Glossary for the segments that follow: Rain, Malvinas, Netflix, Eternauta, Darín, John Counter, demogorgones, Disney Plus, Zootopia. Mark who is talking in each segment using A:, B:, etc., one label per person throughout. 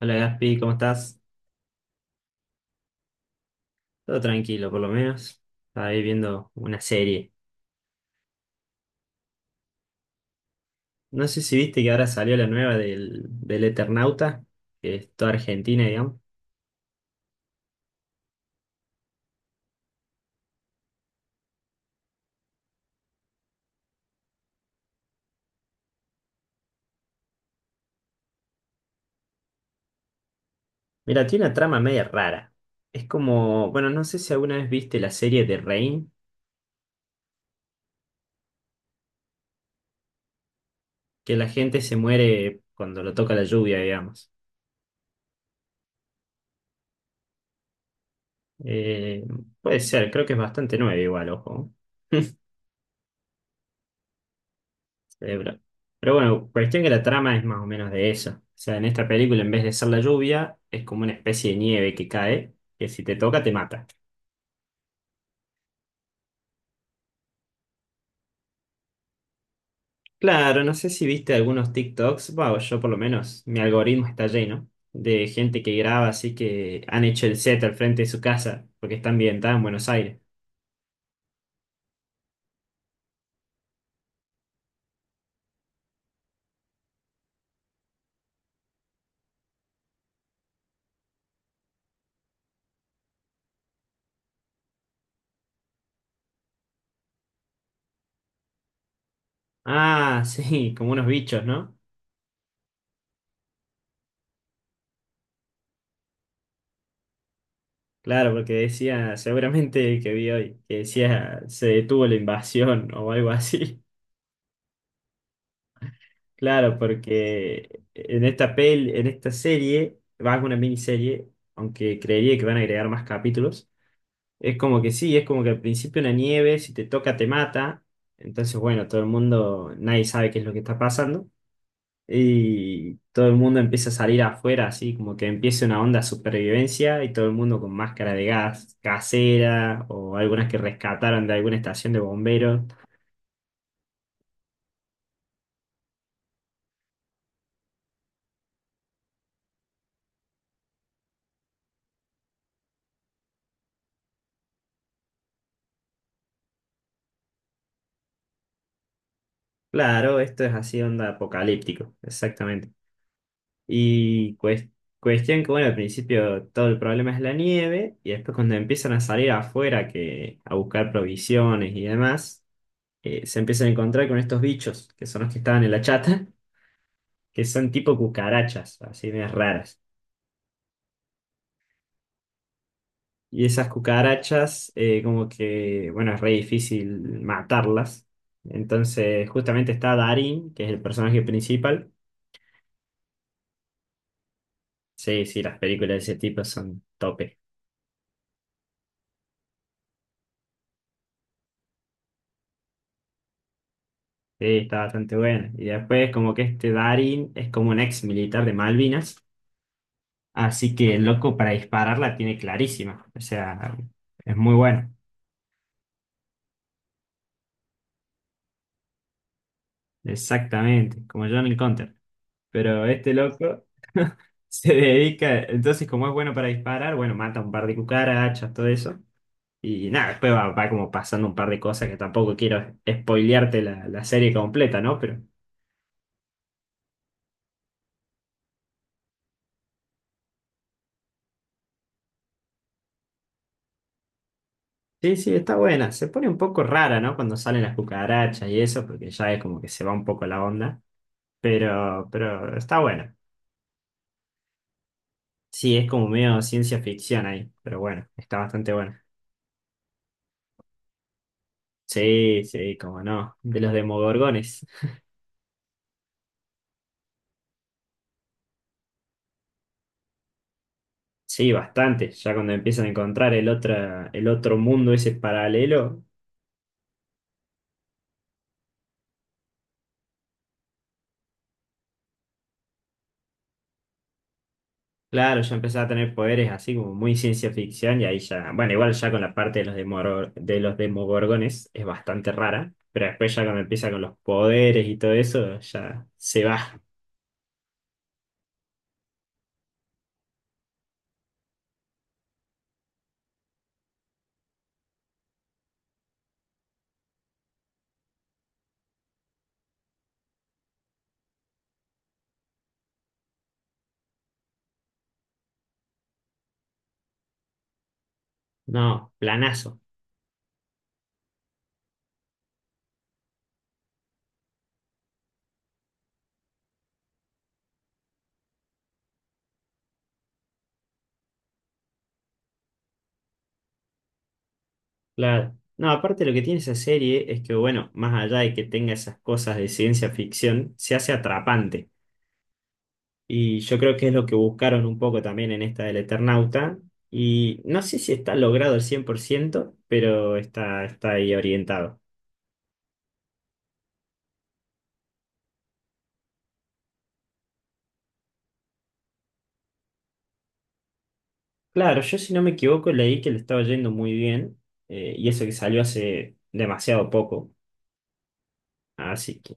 A: Hola Gaspi, ¿cómo estás? Todo tranquilo, por lo menos. Estaba ahí viendo una serie. No sé si viste que ahora salió la nueva del Eternauta, que es toda argentina, digamos. Mira, tiene una trama media rara. Es como, bueno, no sé si alguna vez viste la serie de Rain, que la gente se muere cuando lo toca la lluvia, digamos. Eh, Puede ser, creo que es bastante nueva igual, ojo. cerebral. Pero bueno, cuestión que la trama es más o menos de eso. O sea, en esta película, en vez de ser la lluvia, es como una especie de nieve que cae, que si te toca te mata. Claro, no sé si viste algunos TikToks, bueno, yo por lo menos, mi algoritmo está lleno de gente que graba así que han hecho el set al frente de su casa, porque está ambientada en Buenos Aires. Ah, sí, como unos bichos, ¿no? Claro, porque decía, seguramente el que vi hoy, que decía, se detuvo la invasión o algo así. Claro, porque en esta pel, en esta serie, va a ser una miniserie, aunque creería que van a agregar más capítulos. Es como que sí, es como que al principio una nieve, si te toca te mata. Entonces, bueno, todo el mundo, nadie sabe qué es lo que está pasando. Y todo el mundo empieza a salir afuera, así como que empieza una onda de supervivencia y todo el mundo con máscara de gas casera o algunas que rescataron de alguna estación de bomberos. Claro, esto es así, onda apocalíptico, exactamente. Y cues- cuestión que, bueno, al principio todo el problema es la nieve, y después cuando empiezan a salir afuera que, a buscar provisiones y demás, se empiezan a encontrar con estos bichos, que son los que estaban en la chata, que son tipo cucarachas, así medias raras. Y esas cucarachas, como que, bueno, es re difícil matarlas. Entonces, justamente está Darín, que es el personaje principal. Sí, sí, las películas de ese tipo son top. Sí, está bastante buena. Y después, como que este Darin es como un ex militar de Malvinas, así que el loco para disparar la tiene clarísima. O sea, es muy bueno. Exactamente, como John Counter. Pero este loco se dedica, entonces, como es bueno para disparar, bueno, mata un par de cucarachas, todo eso. Y nada, después va, va como pasando un par de cosas que tampoco quiero spoilearte la serie completa, ¿no? Pero. Sí, sí, está buena. Se pone un poco rara, ¿no? Cuando salen las cucarachas y eso, porque ya es como que se va un poco la onda. Pero está buena. Sí, es como medio ciencia ficción ahí. Pero bueno, está bastante buena. Sí, sí, como no. De los demogorgones. Sí, bastante. Ya cuando empiezan a encontrar el otro mundo ese paralelo. Claro, ya empezaba a tener poderes así como muy ciencia ficción y ahí ya, bueno, igual ya con la parte de los demoro- de los demogorgones es bastante rara, pero después ya cuando empieza con los poderes y todo eso, ya se va. No, planazo, claro. No, aparte lo que tiene esa serie es que, bueno, más allá de que tenga esas cosas de ciencia ficción, se hace atrapante. Y yo creo que es lo que buscaron un poco también en esta del Eternauta. Y no sé si está logrado al 100%, pero está, está ahí orientado. Claro, yo si no me equivoco leí que le estaba yendo muy bien, y eso que salió hace demasiado poco. Así que,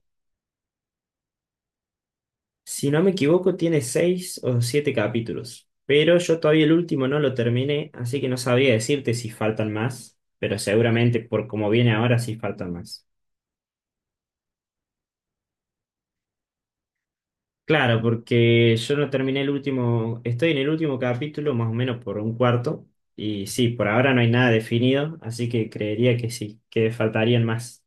A: si no me equivoco, tiene seis o siete capítulos. Pero yo todavía el último no lo terminé, así que no sabría decirte si faltan más, pero seguramente por como viene ahora sí faltan más. Claro, porque yo no terminé el último, estoy en el último capítulo más o menos por un cuarto y sí, por ahora no hay nada definido, así que creería que sí, que faltarían más.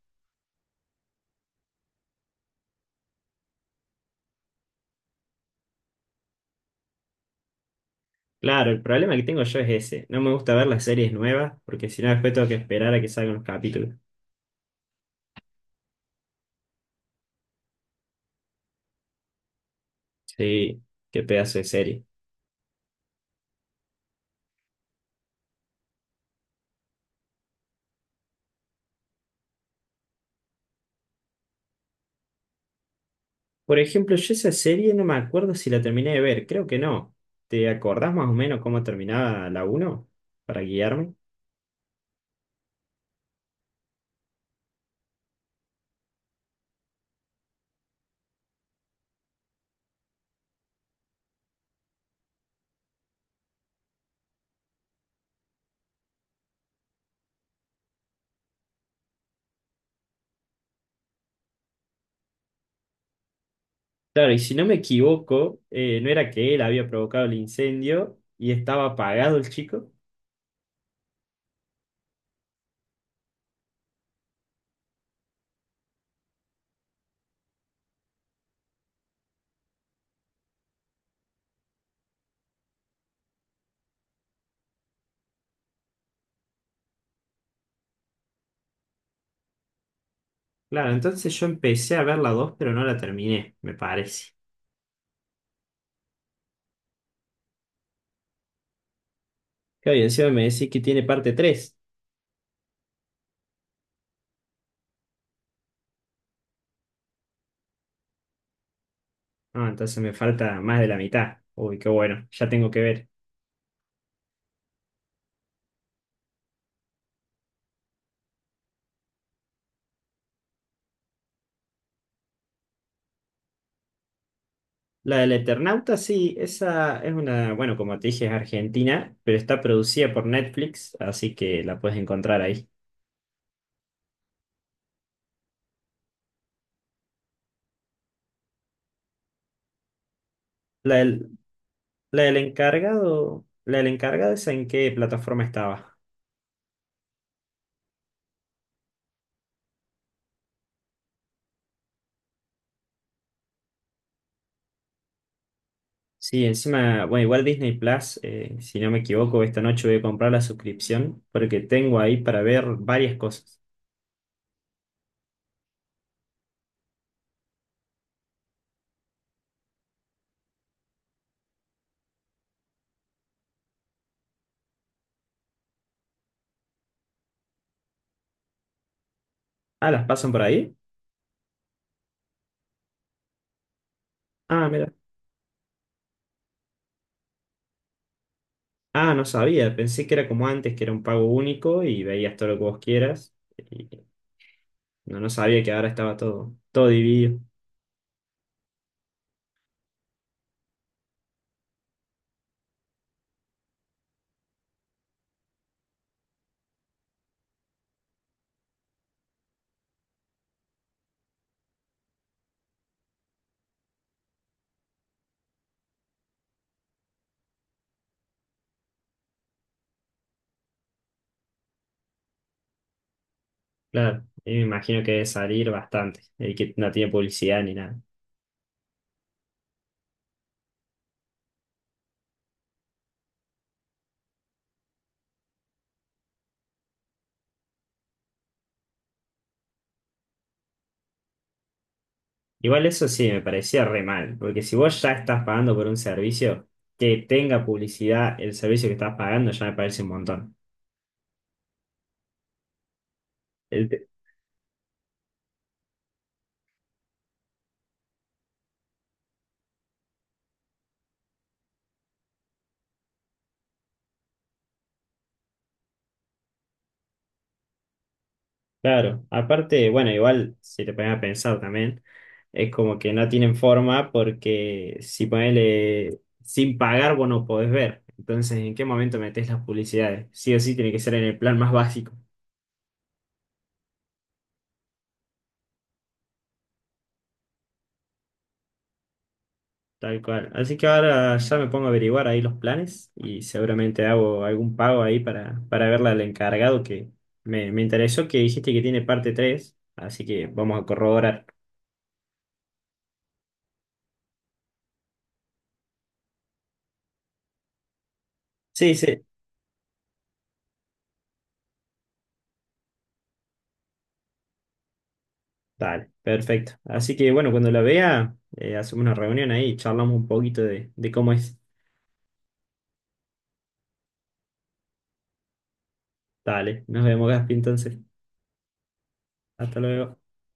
A: Claro, el problema que tengo yo es ese. No me gusta ver las series nuevas porque si no después tengo que esperar a que salgan los capítulos. Sí, qué pedazo de serie. Por ejemplo, yo esa serie no me acuerdo si la terminé de ver, creo que no. ¿Te acordás más o menos cómo terminaba la uno? Para guiarme. Claro, y si no me equivoco, no era que él había provocado el incendio y estaba apagado el chico. Claro, entonces yo empecé a ver la 2 pero no la terminé, me parece. Claro, y encima me decís que tiene parte 3. Ah, entonces me falta más de la mitad. Uy, qué bueno, ya tengo que ver. La del Eternauta, sí, esa es una, bueno, como te dije, es argentina, pero está producida por Netflix, así que la puedes encontrar ahí. La del, la del encargado, ¿esa en qué plataforma estaba? Sí, encima, bueno, igual Disney Plus, si no me equivoco, esta noche voy a comprar la suscripción porque tengo ahí para ver varias cosas. Ah, ¿las pasan por ahí? Ah, mira. Ah, no sabía, pensé que era como antes, que era un pago único y veías todo lo que vos quieras. Y no, no sabía que ahora estaba todo, todo dividido. Claro, y me imagino que debe salir bastante, y que no tiene publicidad ni nada. Igual eso sí, me parecía re mal, porque si vos ya estás pagando por un servicio, que tenga publicidad el servicio que estás pagando ya me parece un montón. Claro, aparte, bueno, igual si te pones a pensar también, es como que no tienen forma porque si ponele sin pagar vos no podés ver. Entonces, ¿en qué momento metés las publicidades? Sí o sí tiene que ser en el plan más básico, tal cual. Así que ahora ya me pongo a averiguar ahí los planes y seguramente hago algún pago ahí para verla al encargado que me interesó que dijiste que tiene parte 3 así que vamos a corroborar. Sí, sí, dale, perfecto. Así que bueno, cuando la vea, hacemos una reunión ahí y charlamos un poquito de cómo es. Dale, nos vemos, Gaspi, entonces. Hasta luego.